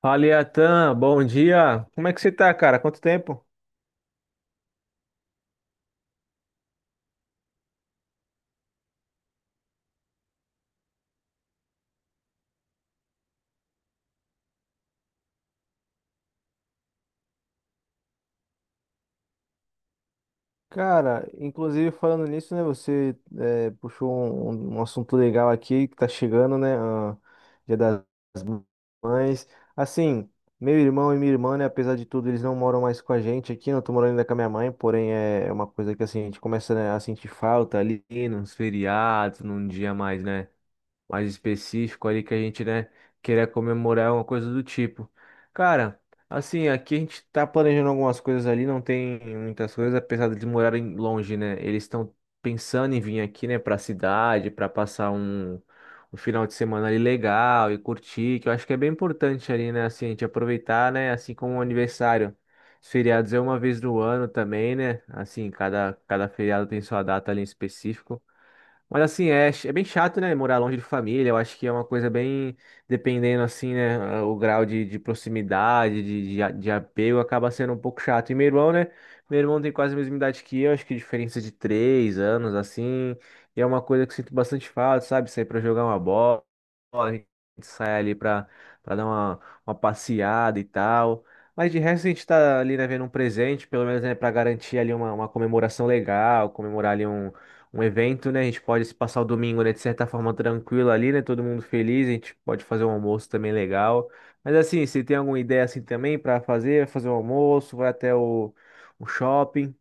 Fala, Iatan, bom dia. Como é que você tá, cara? Quanto tempo? Cara, inclusive falando nisso, né? Você puxou um assunto legal aqui que tá chegando, né? Ah, Dia das Mães. Assim, meu irmão e minha irmã, né? Apesar de tudo, eles não moram mais com a gente aqui. Não tô morando ainda com a minha mãe, porém é uma coisa que assim a gente começa, né, a sentir falta ali nos feriados, num dia mais, né, mais específico ali que a gente, né, queira comemorar alguma coisa do tipo. Cara, assim, aqui a gente tá planejando algumas coisas ali, não tem muitas coisas, apesar de eles morarem longe, né? Eles estão pensando em vir aqui, né, pra cidade, pra passar um final de semana ali legal e curtir, que eu acho que é bem importante ali, né, assim, a gente aproveitar, né, assim como o aniversário. Os feriados é uma vez no ano também, né? Assim, cada feriado tem sua data ali em específico. Mas assim, é bem chato, né? Morar longe de família. Eu acho que é uma coisa bem, dependendo assim, né. O grau de proximidade, de apego, acaba sendo um pouco chato. E meu irmão, né? Meu irmão tem quase a mesma idade que eu, acho que diferença de 3 anos, assim. E é uma coisa que eu sinto bastante falta, sabe? Sair pra jogar uma bola, a gente sai ali pra dar uma passeada e tal. Mas de resto a gente tá ali, né, vendo um presente, pelo menos, né, pra garantir ali uma comemoração legal, comemorar ali um evento, né? A gente pode se passar o domingo, né, de certa forma tranquilo ali, né? Todo mundo feliz, a gente pode fazer um almoço também legal. Mas assim, se tem alguma ideia assim também para fazer um almoço, vai até o shopping.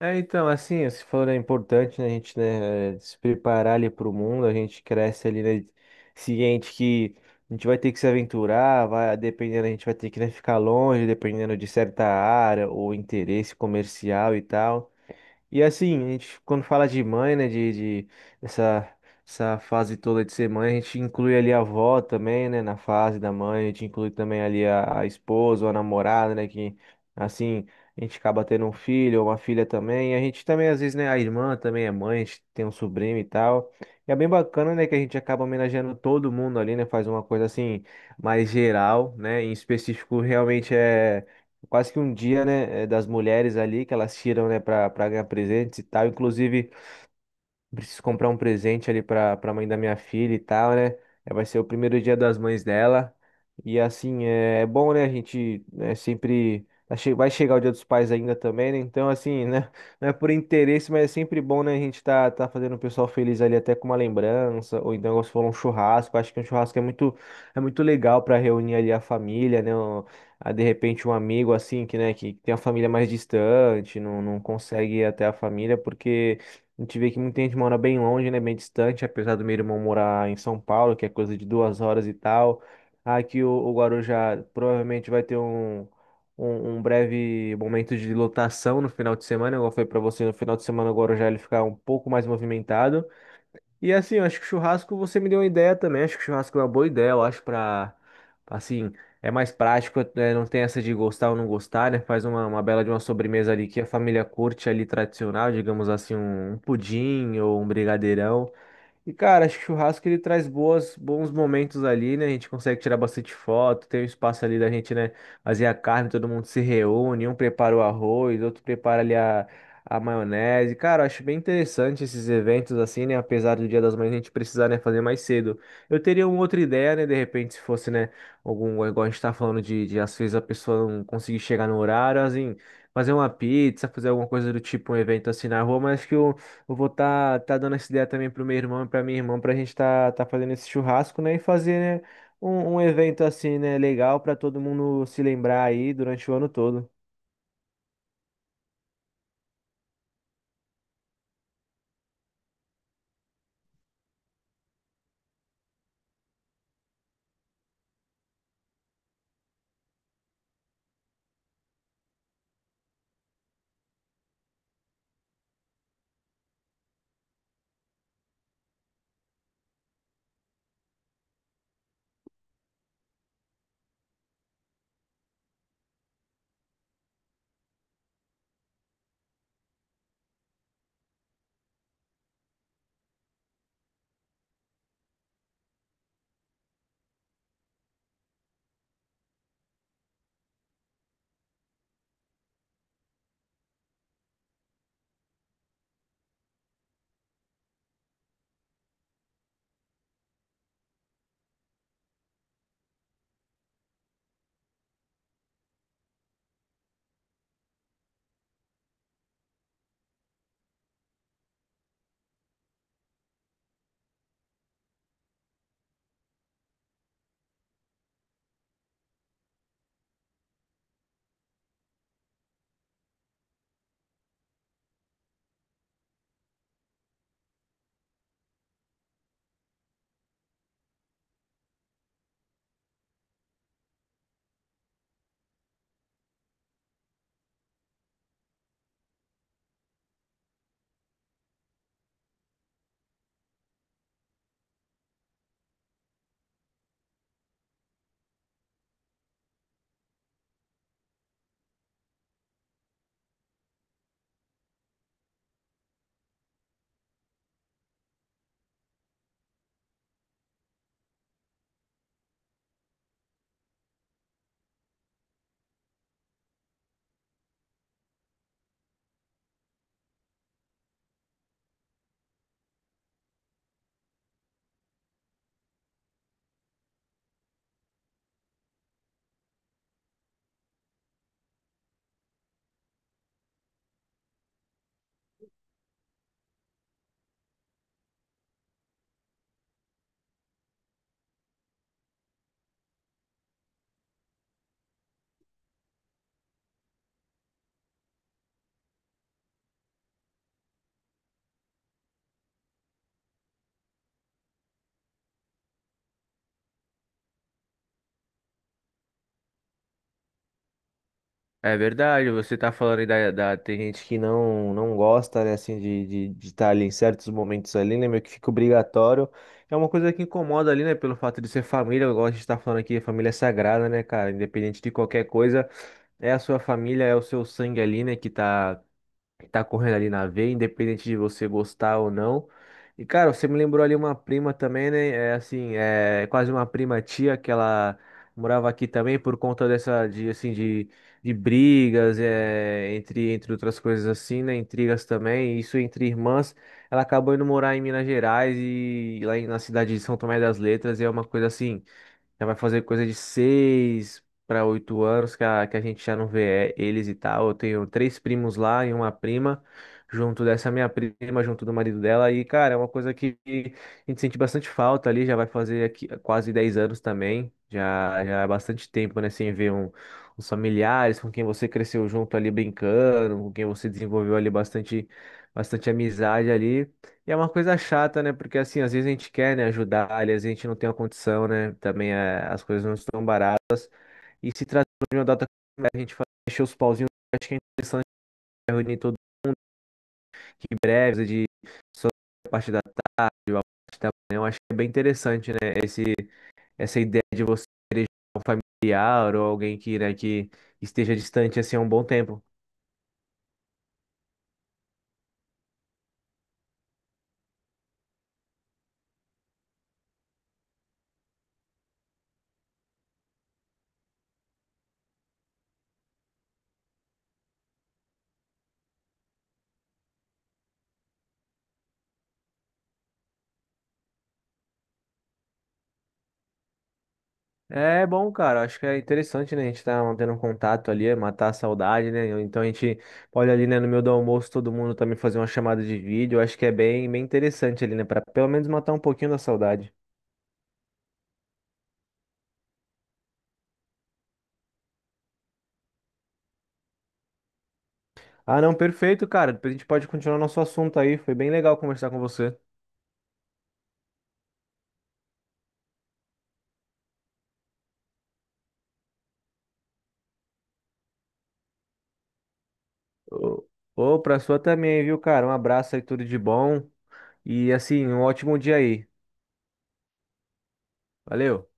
É, então, assim, você falou, é importante, né, a gente, né, se preparar ali para o mundo, a gente cresce ali, né, ciente que a gente vai ter que se aventurar, vai, dependendo, a gente vai ter que, né, ficar longe, dependendo de certa área ou interesse comercial e tal. E assim, a gente, quando fala de mãe, né, de essa, essa fase toda de ser mãe, a gente inclui ali a avó também, né, na fase da mãe, a gente inclui também ali a esposa ou a namorada, né, que assim, a gente acaba tendo um filho ou uma filha também, e a gente também, às vezes, né, a irmã também é mãe, a gente tem um sobrinho e tal, e é bem bacana, né, que a gente acaba homenageando todo mundo ali, né, faz uma coisa assim, mais geral, né, em específico realmente é quase que um dia, né, das mulheres ali que elas tiram, né, para ganhar presentes e tal. Inclusive, preciso comprar um presente ali pra mãe da minha filha e tal, né? É, vai ser o primeiro Dia das Mães dela. E assim, é, é bom, né? A gente, né, sempre vai chegar o Dia dos Pais ainda também, né? Então, assim, né? Não é por interesse, mas é sempre bom, né? A gente tá fazendo o pessoal feliz ali até com uma lembrança. Ou então, igual você falou, um churrasco. Acho que um churrasco é muito legal pra reunir ali a família, né? Ah, de repente, um amigo assim, que, né, que tem a família mais distante, não, não consegue ir até a família, porque. A gente vê que muita gente mora bem longe, né? Bem distante, apesar do meu irmão morar em São Paulo, que é coisa de 2 horas e tal. Aqui o Guarujá provavelmente vai ter um breve momento de lotação no final de semana, igual foi para você. No final de semana o Guarujá ele fica um pouco mais movimentado. E assim, eu acho que churrasco você me deu uma ideia também. Acho que churrasco é uma boa ideia, eu acho, pra. Assim, é mais prático, né? Não tem essa de gostar ou não gostar, né? Faz uma bela de uma sobremesa ali que a família curte ali tradicional, digamos assim, um pudim ou um brigadeirão. E, cara, acho que churrasco ele traz bons momentos ali, né? A gente consegue tirar bastante foto, tem um espaço ali da gente, né? Fazer a carne, todo mundo se reúne, um prepara o arroz, outro prepara ali a maionese. Cara, eu acho bem interessante esses eventos assim, né? Apesar do Dia das Mães a gente precisar, né, fazer mais cedo. Eu teria uma outra ideia, né? De repente, se fosse, né, algum, igual a gente tá falando de às vezes a pessoa não conseguir chegar no horário, assim, fazer uma pizza, fazer alguma coisa do tipo, um evento assim na rua, mas acho que o eu vou tá dando essa ideia também pro meu irmão e pra minha irmã, pra gente tá fazendo esse churrasco, né? E fazer, né, um evento assim, né, legal pra todo mundo se lembrar aí durante o ano todo. É verdade, você tá falando aí tem gente que não gosta, né, assim, de estar ali em certos momentos ali, né, meio que fica obrigatório. É uma coisa que incomoda ali, né, pelo fato de ser família, igual a gente tá falando aqui, família é sagrada, né, cara, independente de qualquer coisa, é a sua família, é o seu sangue ali, né, que tá correndo ali na veia, independente de você gostar ou não. E, cara, você me lembrou ali uma prima também, né? É assim, é quase uma prima tia que ela morava aqui também por conta dessa, assim, de brigas, entre, outras coisas assim, né? Intrigas também, isso entre irmãs. Ela acabou indo morar em Minas Gerais e lá na cidade de São Tomé das Letras, e é uma coisa assim já vai fazer coisa de 6 para 8 anos que a gente já não vê eles e tal. Eu tenho três primos lá e uma prima, junto dessa minha prima, junto do marido dela. E, cara, é uma coisa que a gente sente bastante falta ali. Já vai fazer aqui quase 10 anos também. Já, já é bastante tempo, né? Sem ver os familiares com quem você cresceu junto ali brincando, com quem você desenvolveu ali bastante amizade ali. E é uma coisa chata, né? Porque assim, às vezes a gente quer, né, ajudar, aliás, a gente não tem a condição, né? Também é, as coisas não estão baratas. E se tratando de uma data como essa, a gente mexer os pauzinhos, eu acho que é interessante, né, reunir todo mundo que em breve, precisa de só a parte da tarde, ou a parte da manhã. Eu acho que é bem interessante, né? Essa ideia de você ter um familiar ou alguém que, né, que esteja distante assim há um bom tempo. É bom, cara. Acho que é interessante, né? A gente tá mantendo um contato ali, é matar a saudade, né? Ou então a gente olha ali, né, no meio do almoço, todo mundo também fazer uma chamada de vídeo. Acho que é bem interessante ali, né? Pra pelo menos matar um pouquinho da saudade. Ah, não, perfeito, cara. Depois a gente pode continuar nosso assunto aí. Foi bem legal conversar com você. Ô, ô, pra sua também, viu, cara? Um abraço aí, tudo de bom. E assim, um ótimo dia aí. Valeu.